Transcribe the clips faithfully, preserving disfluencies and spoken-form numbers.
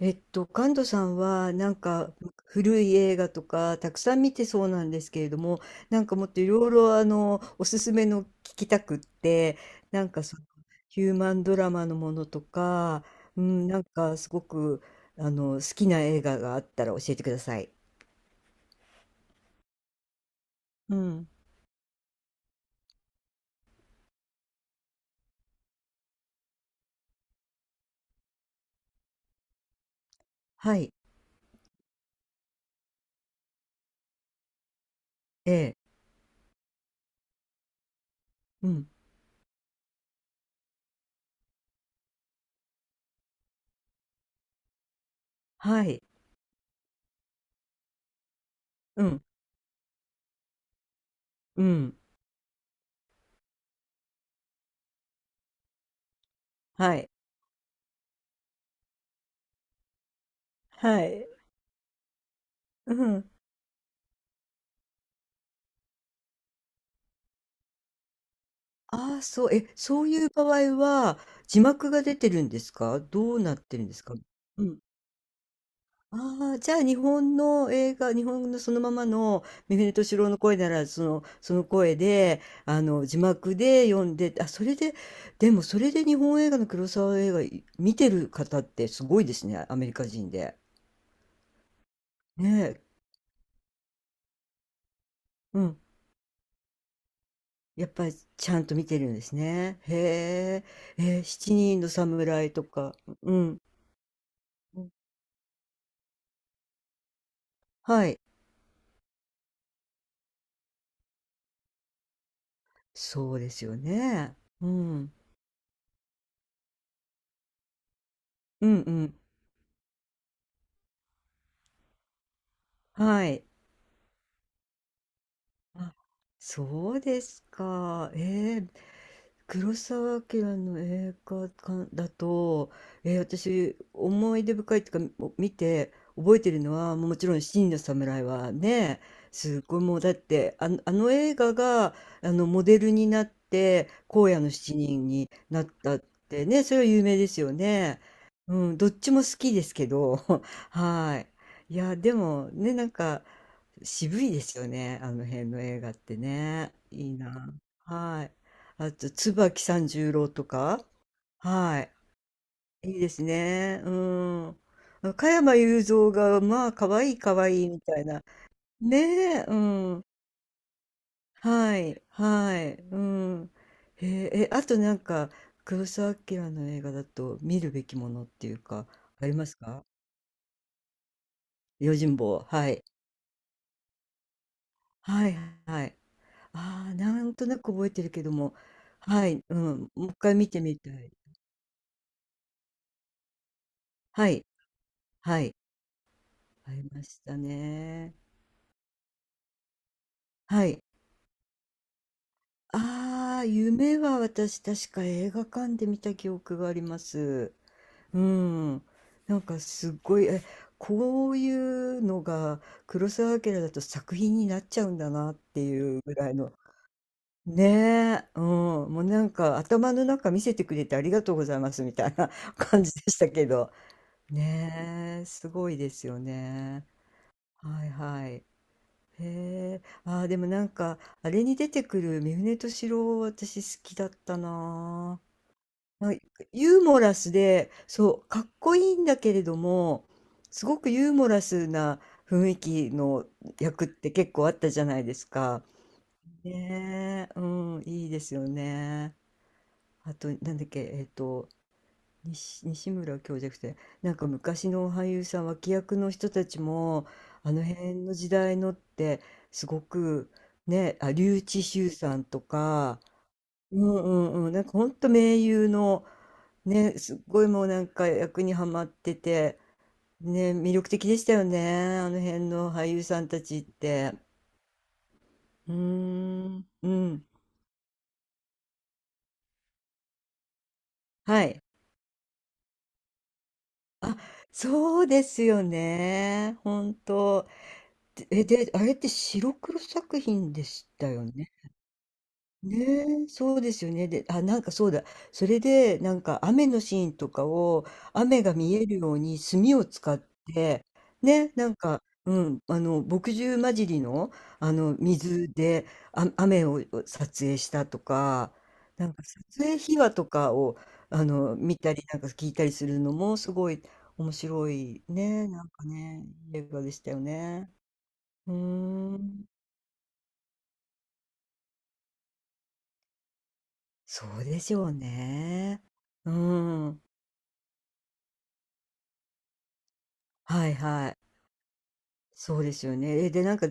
えっと、カン門さんはなんか古い映画とかたくさん見てそうなんですけれども、なんかもっといろいろあのおすすめの聞きたくって、なんかその、ヒューマンドラマのものとか、うん、なんかすごくあの好きな映画があったら教えてください。うん。はい。ええ。うん。はい。うん。うん。はい。はい。うん。ああ、そう、え、そういう場合は、字幕が出てるんですか、どうなってるんですか？うん。ああ、じゃあ日本の映画、日本のそのままの三船敏郎の声なら、その、その声で、あの、字幕で読んで、あ、それで、でもそれで日本映画の黒沢映画い見てる方ってすごいですね、アメリカ人で。ねえ。うん。やっぱりちゃんと見てるんですね。へえ、えー、七人の侍とか。うん。うん、はい。そうですよね。うん。うんうん。はい。あ、そうですか。ええ、黒澤明の映画館だと、えー私思い出深いっていうか、もう見て覚えてるのはもちろん「七人の侍」はね、すごい、もうだってあの、あの映画があのモデルになって「荒野の七人」になったってね、それは有名ですよね。うん、どっちも好きですけど。 はい。いやでもね、なんか渋いですよね、あの辺の映画ってね。いいな。はい。あと、椿三十郎とか。はい。いいですね。うん。加山雄三が、まあ、可愛い可愛いみたいな。ねえ。うん。はい、はい、うん。へえ、え、あとなんか、黒澤明の映画だと見るべきものっていうか、ありますか？用心棒。はい。はい、はい。ああ、なんとなく覚えてるけども、はい、うん、もう一回見てみたい。はい、はい、ありましたね。はい。ああ、夢は私確か映画館で見た記憶があります。うん。なんかすっごい、え、こういうのが黒澤明だと作品になっちゃうんだなっていうぐらいの。ねえ、うん、もうなんか頭の中見せてくれてありがとうございますみたいな 感じでしたけど。ねえ、すごいですよね。はいはい。へえ、あーでもなんか、あれに出てくる三船敏郎、私好きだったなあ。なんかユーモラスで、そう、かっこいいんだけれども、すごくユーモラスな雰囲気の役って結構あったじゃないですか。ねえ。うん、いいですよね。あと、なんだっけ、えっと、西、西村教授じなて、なんか昔の俳優さん、脇役の人たちも、あの辺の時代のって、すごく、ね、あ、笠智衆さんとか、うんうんうん、なんかほんと名優の、ね、すっごい、もうなんか役にはまってて、ね、魅力的でしたよね、あの辺の俳優さんたちって。うーん、うん、はい。あ、そうですよね、本当で、え、で、あれって白黒作品でしたよね。ねえ、そうですよね。で、あ、なんかそうだ。それで、なんか雨のシーンとかを、雨が見えるように墨を使って、ね、なんか、うん、あの、墨汁混じりの、あの、水で、あ、雨を撮影したとか、なんか撮影秘話とかを、あの、見たり、なんか聞いたりするのも、すごい面白いね、なんかね、映画でしたよね。うーん。そうでしょうね。うーん。はいはい。そうですよね。え、で、なんか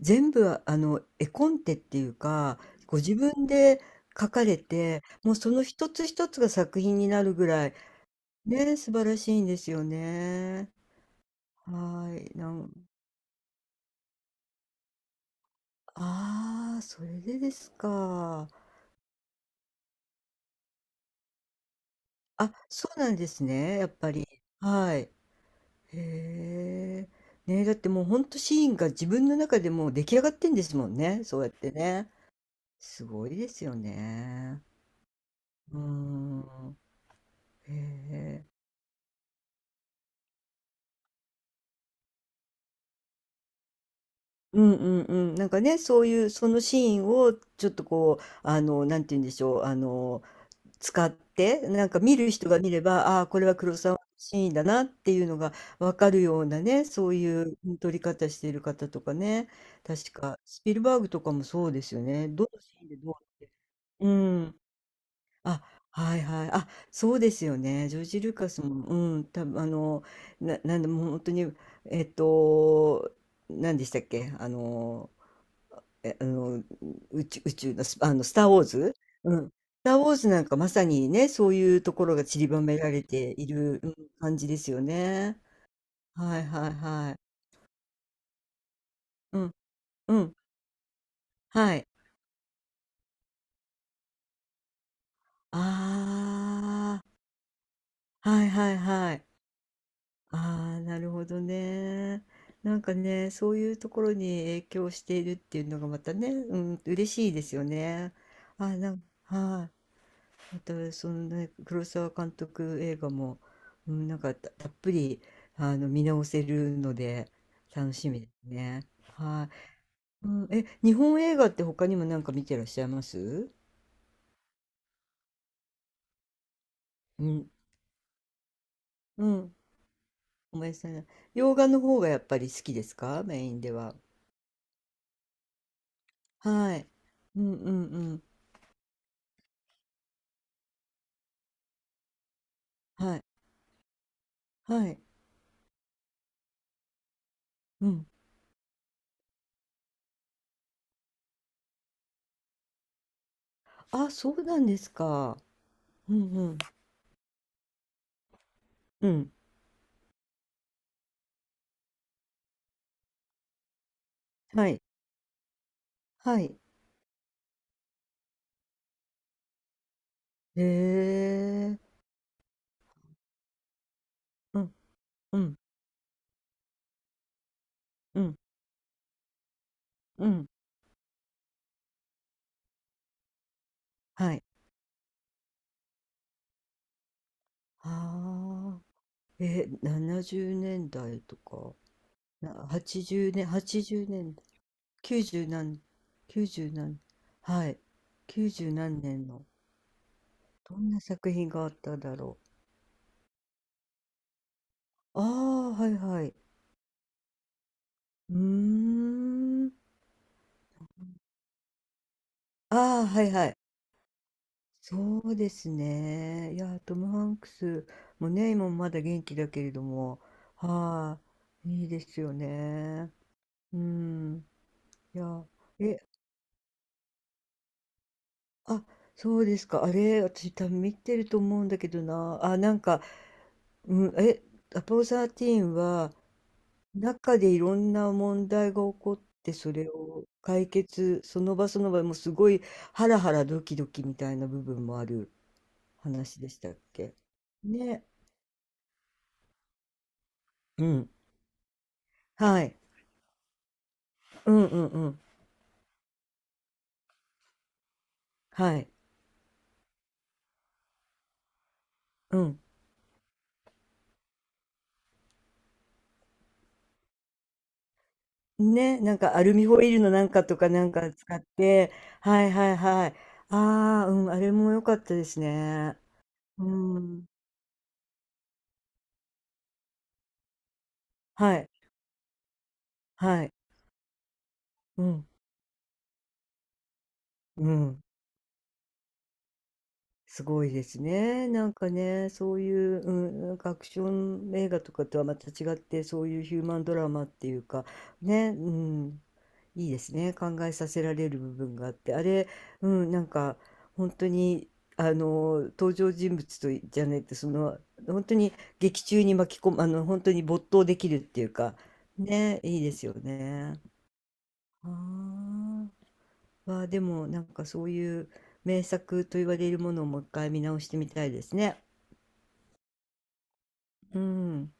全部ああの絵コンテっていうか、ご自分で描かれて、もうその一つ一つが作品になるぐらい、ね、素晴らしいんですよね。はい。なん、ああ、それでですか。あ、そうなんですね、やっぱり。はい。へえ。ね、だってもうほんとシーンが自分の中でもう出来上がってんですもんね、そうやってね。すごいですよね。うーん。へえ。うんうんうん。なんかね、そういう、そのシーンをちょっとこう、あの、なんて言うんでしょう、あの、使って、なんか見る人が見れば、ああー、これは黒沢のシーンだなっていうのがわかるようなね、そういううん撮り方している方とかね、確か、スピルバーグとかもそうですよね。どのシーンでどうって。うん。あ、はいはい。あ、そうですよね。ジョージ・ルーカスも、うん、たぶん、あの、な、なんでもう本当に、えっと、何でしたっけ、あの、え、あの、宇宙、宇宙のス、あの、スター・ウォーズ。うん。スター・ウォーズなんかまさにね、そういうところが散りばめられている、うん感じですよね。はいはいはい。うん、うん、はい。ああ、はいはいはい。ああ、なるほどね。なんかね、そういうところに影響しているっていうのがまたね、うん、嬉しいですよね。あ、なん、はい。また、そのね、黒沢監督映画も、うん、なんかた、たっぷり、あの、見直せるので、楽しみですね。はい。うん、え、日本映画って他にもなんか見てらっしゃいます？うん、うん、ごめんなさいね。洋画の方がやっぱり好きですか？メインでは。はい。うんうんうん。はい。はい。うん。あ、そうなんですか。うんうん。うん。はい。はい。へえ。うん。うん。うん。うん。はい。ああ。え、ななじゅうねんだいとか、な、はちじゅうねん、はちじゅうねん、きゅうじゅう何、きゅうじゅう何、はい。きゅうじゅう何年の、どんな作品があっただろう。ああ、はいはい。うーん。ああ、はいはい。そうですね。いや、トム・ハンクスもね、今もまだ元気だけれども、はい、いいですよね。うん。いや、え、あ、そうですか。あれ、私多分見てると思うんだけどな。あ、なんか、うん、え、アポロサーティーンは、中でいろんな問題が起こって、それを解決、その場その場、もうすごいハラハラドキドキみたいな部分もある話でしたっけね。うん。はい。うんうんうん。はい。うん。ね、なんかアルミホイルのなんかとかなんか使って、はいはいはい。ああ、うん、あれも良かったですね。うん。はい、はい。うん、うん。すごいですね。なんかね、そういう、うん、なんかアクション映画とかとはまた違って、そういうヒューマンドラマっていうか、ね、うん、いいですね。考えさせられる部分があって、あれ、うん、なんか本当に、あの、登場人物とじゃないと、その、本当に劇中に巻き込む、あの、本当に没頭できるっていうか、ね、いいですよね。ああ。はあ、でもなんかそういう名作と言われるものをもう一回見直してみたいですね。うん。